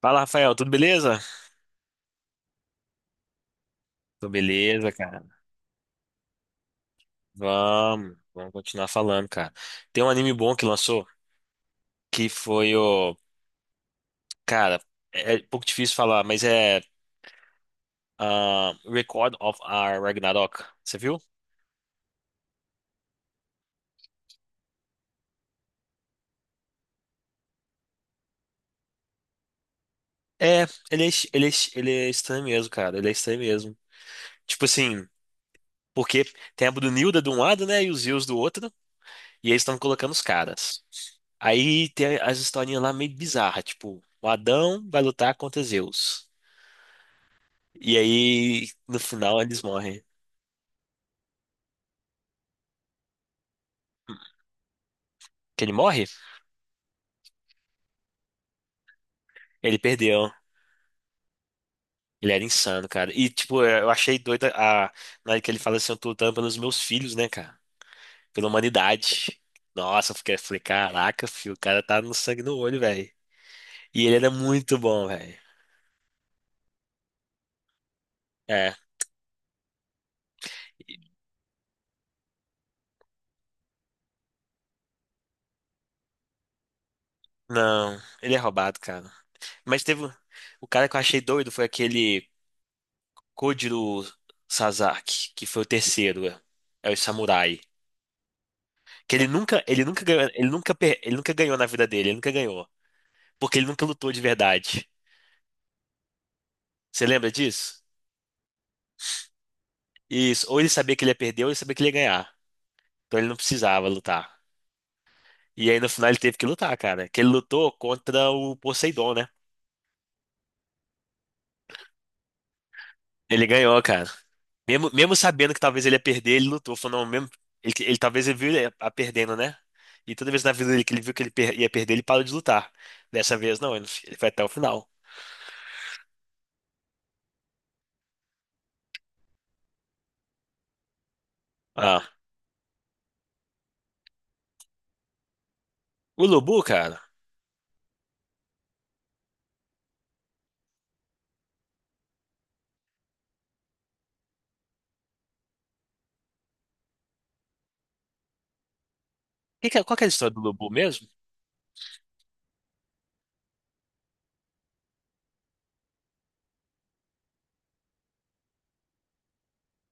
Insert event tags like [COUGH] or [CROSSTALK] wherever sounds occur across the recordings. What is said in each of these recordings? Fala, Rafael, tudo beleza? Tudo beleza, cara. Vamos continuar falando, cara. Tem um anime bom que lançou, que foi o. Cara, é um pouco difícil falar, mas é. Record of Our Ragnarok. Você viu? É, ele é estranho mesmo, cara. Ele é estranho mesmo. Tipo assim, porque tem a Brunilda de um lado, né? E os Zeus do outro. E eles estão colocando os caras. Aí tem as historinhas lá meio bizarras, tipo, o Adão vai lutar contra Zeus. E aí, no final, eles morrem. Que ele morre? Ele perdeu. Ele era insano, cara. E, tipo, é, eu achei doida a... Na hora que ele fala assim, eu tô lutando pelos meus filhos, né, cara? Pela humanidade. Nossa, eu fiquei, falei, caraca, filho, o cara tá no sangue no olho, velho. E ele era muito bom, velho. É. Não, ele é roubado, cara. Mas teve... um, o cara que eu achei doido foi aquele Kojiro Sasaki, que foi o terceiro. É o samurai. Que ele nunca ganhou na vida dele, ele nunca ganhou. Porque ele nunca lutou de verdade. Você lembra disso? Isso. Ou ele sabia que ele ia perder, ou ele sabia que ele ia ganhar. Então ele não precisava lutar. E aí no final ele teve que lutar, cara. Que ele lutou contra o Poseidon, né? Ele ganhou, cara. Mesmo, mesmo sabendo que talvez ele ia perder, ele lutou. Falou, não, mesmo. Ele talvez ele viu ele a perdendo, né? E toda vez na vida dele que ele viu que ele per- ia perder, ele parou de lutar. Dessa vez não, ele foi até o final. Ah. O Lubu, cara. Qual que é a história do Lubu mesmo?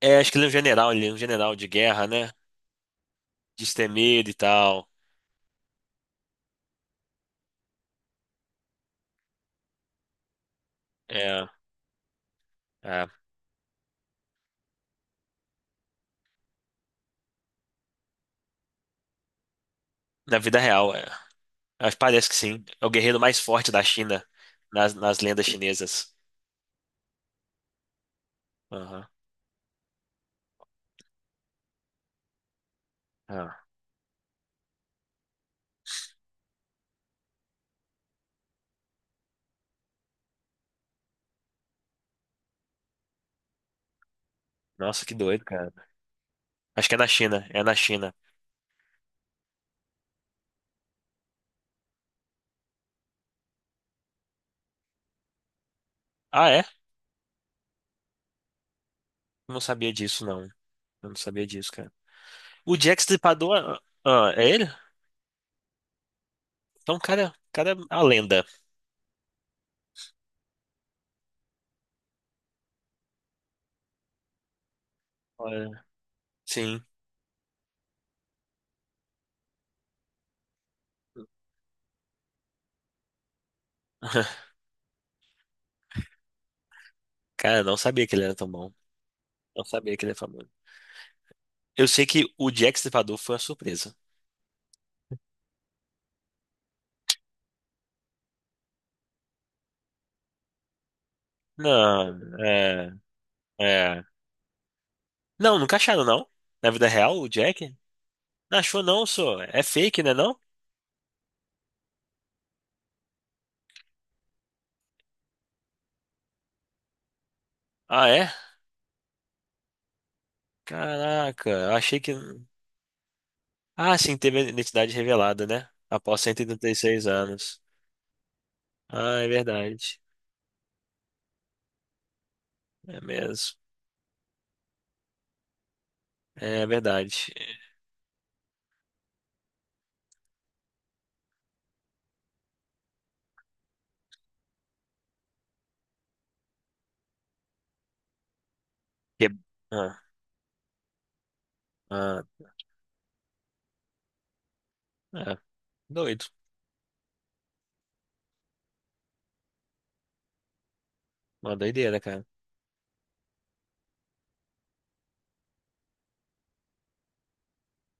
É, acho que ele é um general, ele é um general de guerra, né? Destemido e tal. É, é. Na vida real, é. Mas parece que sim. É o guerreiro mais forte da China, nas lendas chinesas. Aham. Ah. Nossa, que doido, cara. Acho que é na China, é na China. Ah, é? Eu não sabia disso, não. Eu não sabia disso, cara. O Jack Stripador, é ele? Então, o cara, é a lenda. Olha, sim. [LAUGHS] Cara, eu não sabia que ele era tão bom. Não sabia que ele é famoso. Eu sei que o Jack Stripador foi uma surpresa. Não, é, é. Não, nunca acharam, não? Na vida real, o Jack? Não achou, não, só. É fake, né, não? Ah, é? Caraca, eu achei que. Ah, sim, teve a identidade revelada, né? Após 186 anos. Ah, é verdade. É mesmo. É verdade. Que- ah, ah, é. Doido. Uma doideira, cara.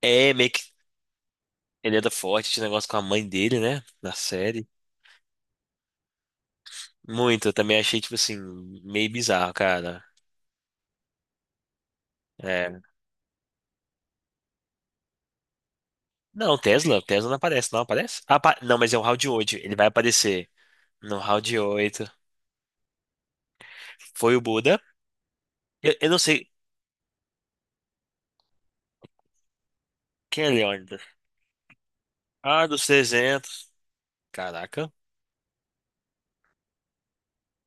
É, meio que ele era forte, esse negócio com a mãe dele, né? Na série. Muito, eu também achei, tipo assim, meio bizarro, cara. É, não, Tesla, Tesla não aparece, não aparece? Não, mas é o round 8, ele vai aparecer no round 8. Foi o Buda. Eu não sei quem é Leônidas. Ah, dos 300, caraca.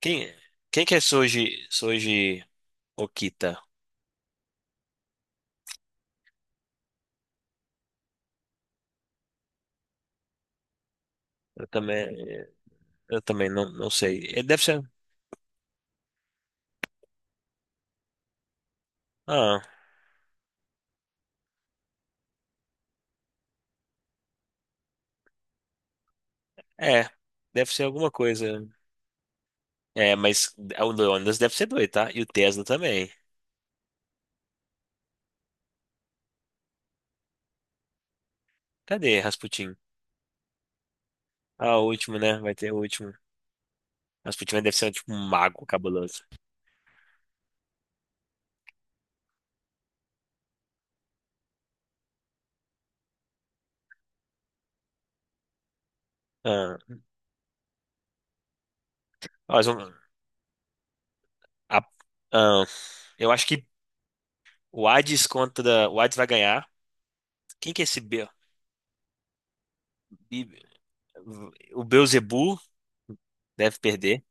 Quem é? Quem que é Soji Okita? Eu também, eu também não, não sei. Ele deve ser. Ah, é. Deve ser alguma coisa. É, mas o Leônidas deve ser doido, tá? E o Tesla também. Cadê Rasputin? Ah, o último, né? Vai ter o último. Rasputin deve ser tipo um mago cabuloso. Ah. Mas um- a- ahn, eu acho que o Hades contra. O Hades vai ganhar. Quem que é esse B Be- o Beelzebub deve perder.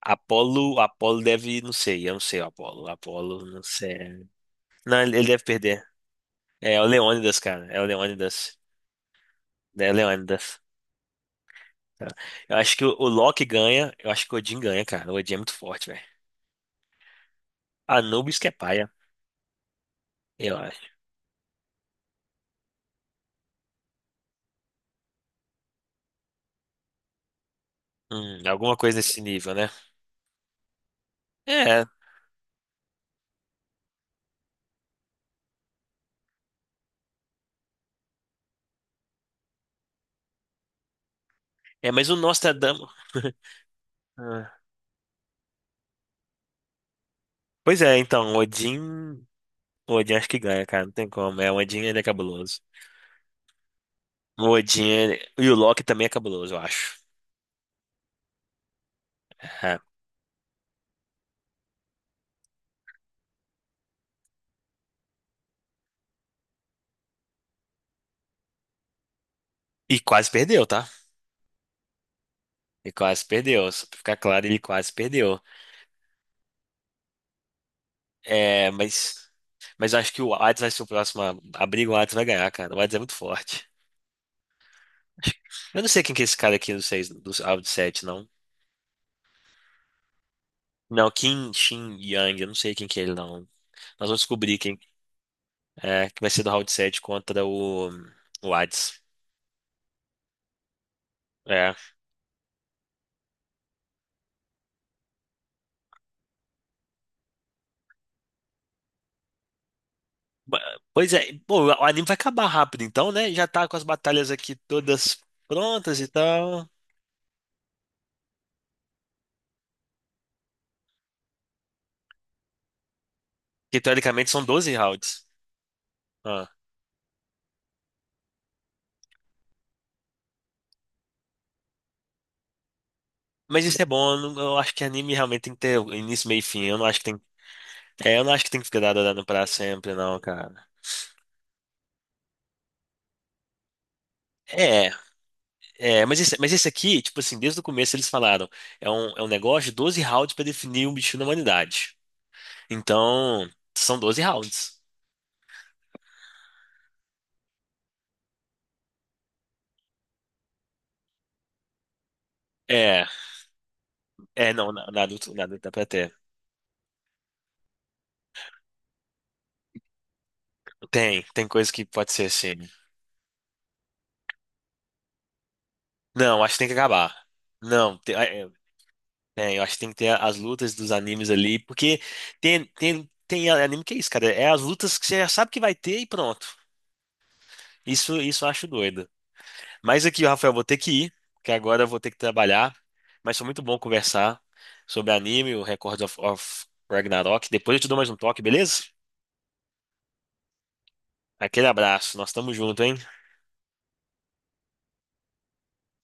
Apolo, Apolo deve, não sei, eu não sei o Apolo. Apolo, não sei. Não, ele deve perder. É é o Leônidas, cara. É o Leônidas. É o Leônidas. Tá? Eu acho que o Loki ganha. Eu acho que o Odin ganha, cara. O Odin é muito forte, velho. Anubis que é paia, eu acho. Alguma coisa nesse nível, né? É, mas o Nostradamus. [LAUGHS] Pois é, então, o Odin. O Odin acho que ganha, cara. Não tem como. É, o Odin ele é cabuloso. E o Loki também é cabuloso, eu acho. É. E quase perdeu, tá? E quase perdeu. Só pra ficar claro, ele quase perdeu. É, mas. Mas eu acho que o Hades vai ser o próximo a briga, o Hades vai ganhar, cara. O Hades é muito forte. Eu não sei quem que é esse cara aqui do 6 do Alvo de 7, não. Não, Kim Shin Yang, eu não sei quem que é ele, não. Nós vamos descobrir quem é, que vai ser do round 7 contra o Hades. É. Ba- Pois é, pô, o anime vai acabar rápido então, né? Já tá com as batalhas aqui todas prontas e tal. Que teoricamente são doze rounds. Ah. Mas isso é bom, eu não- eu acho que anime realmente tem que ter início, meio e fim. Eu não acho que tem. É, eu não acho que tem que ficar dado dando pra sempre, não, cara. É, é, mas esse aqui, tipo assim, desde o começo eles falaram, é um negócio de 12 rounds pra definir um bicho na humanidade. Então, são 12 rounds. É, é, não, na- Naruto, Naruto dá pra ter. Tem coisa que pode ser assim. Não, acho que tem que acabar. Não, eu acho que tem que ter as lutas dos animes ali, porque tem anime que é isso, cara. É as lutas que você já sabe que vai ter e pronto. Isso eu acho doido. Mas aqui, Rafael, vou ter que ir, porque agora eu vou ter que trabalhar. Mas foi muito bom conversar sobre anime, o Record of Ragnarok. Depois eu te dou mais um toque, beleza? Aquele abraço, nós estamos juntos, hein?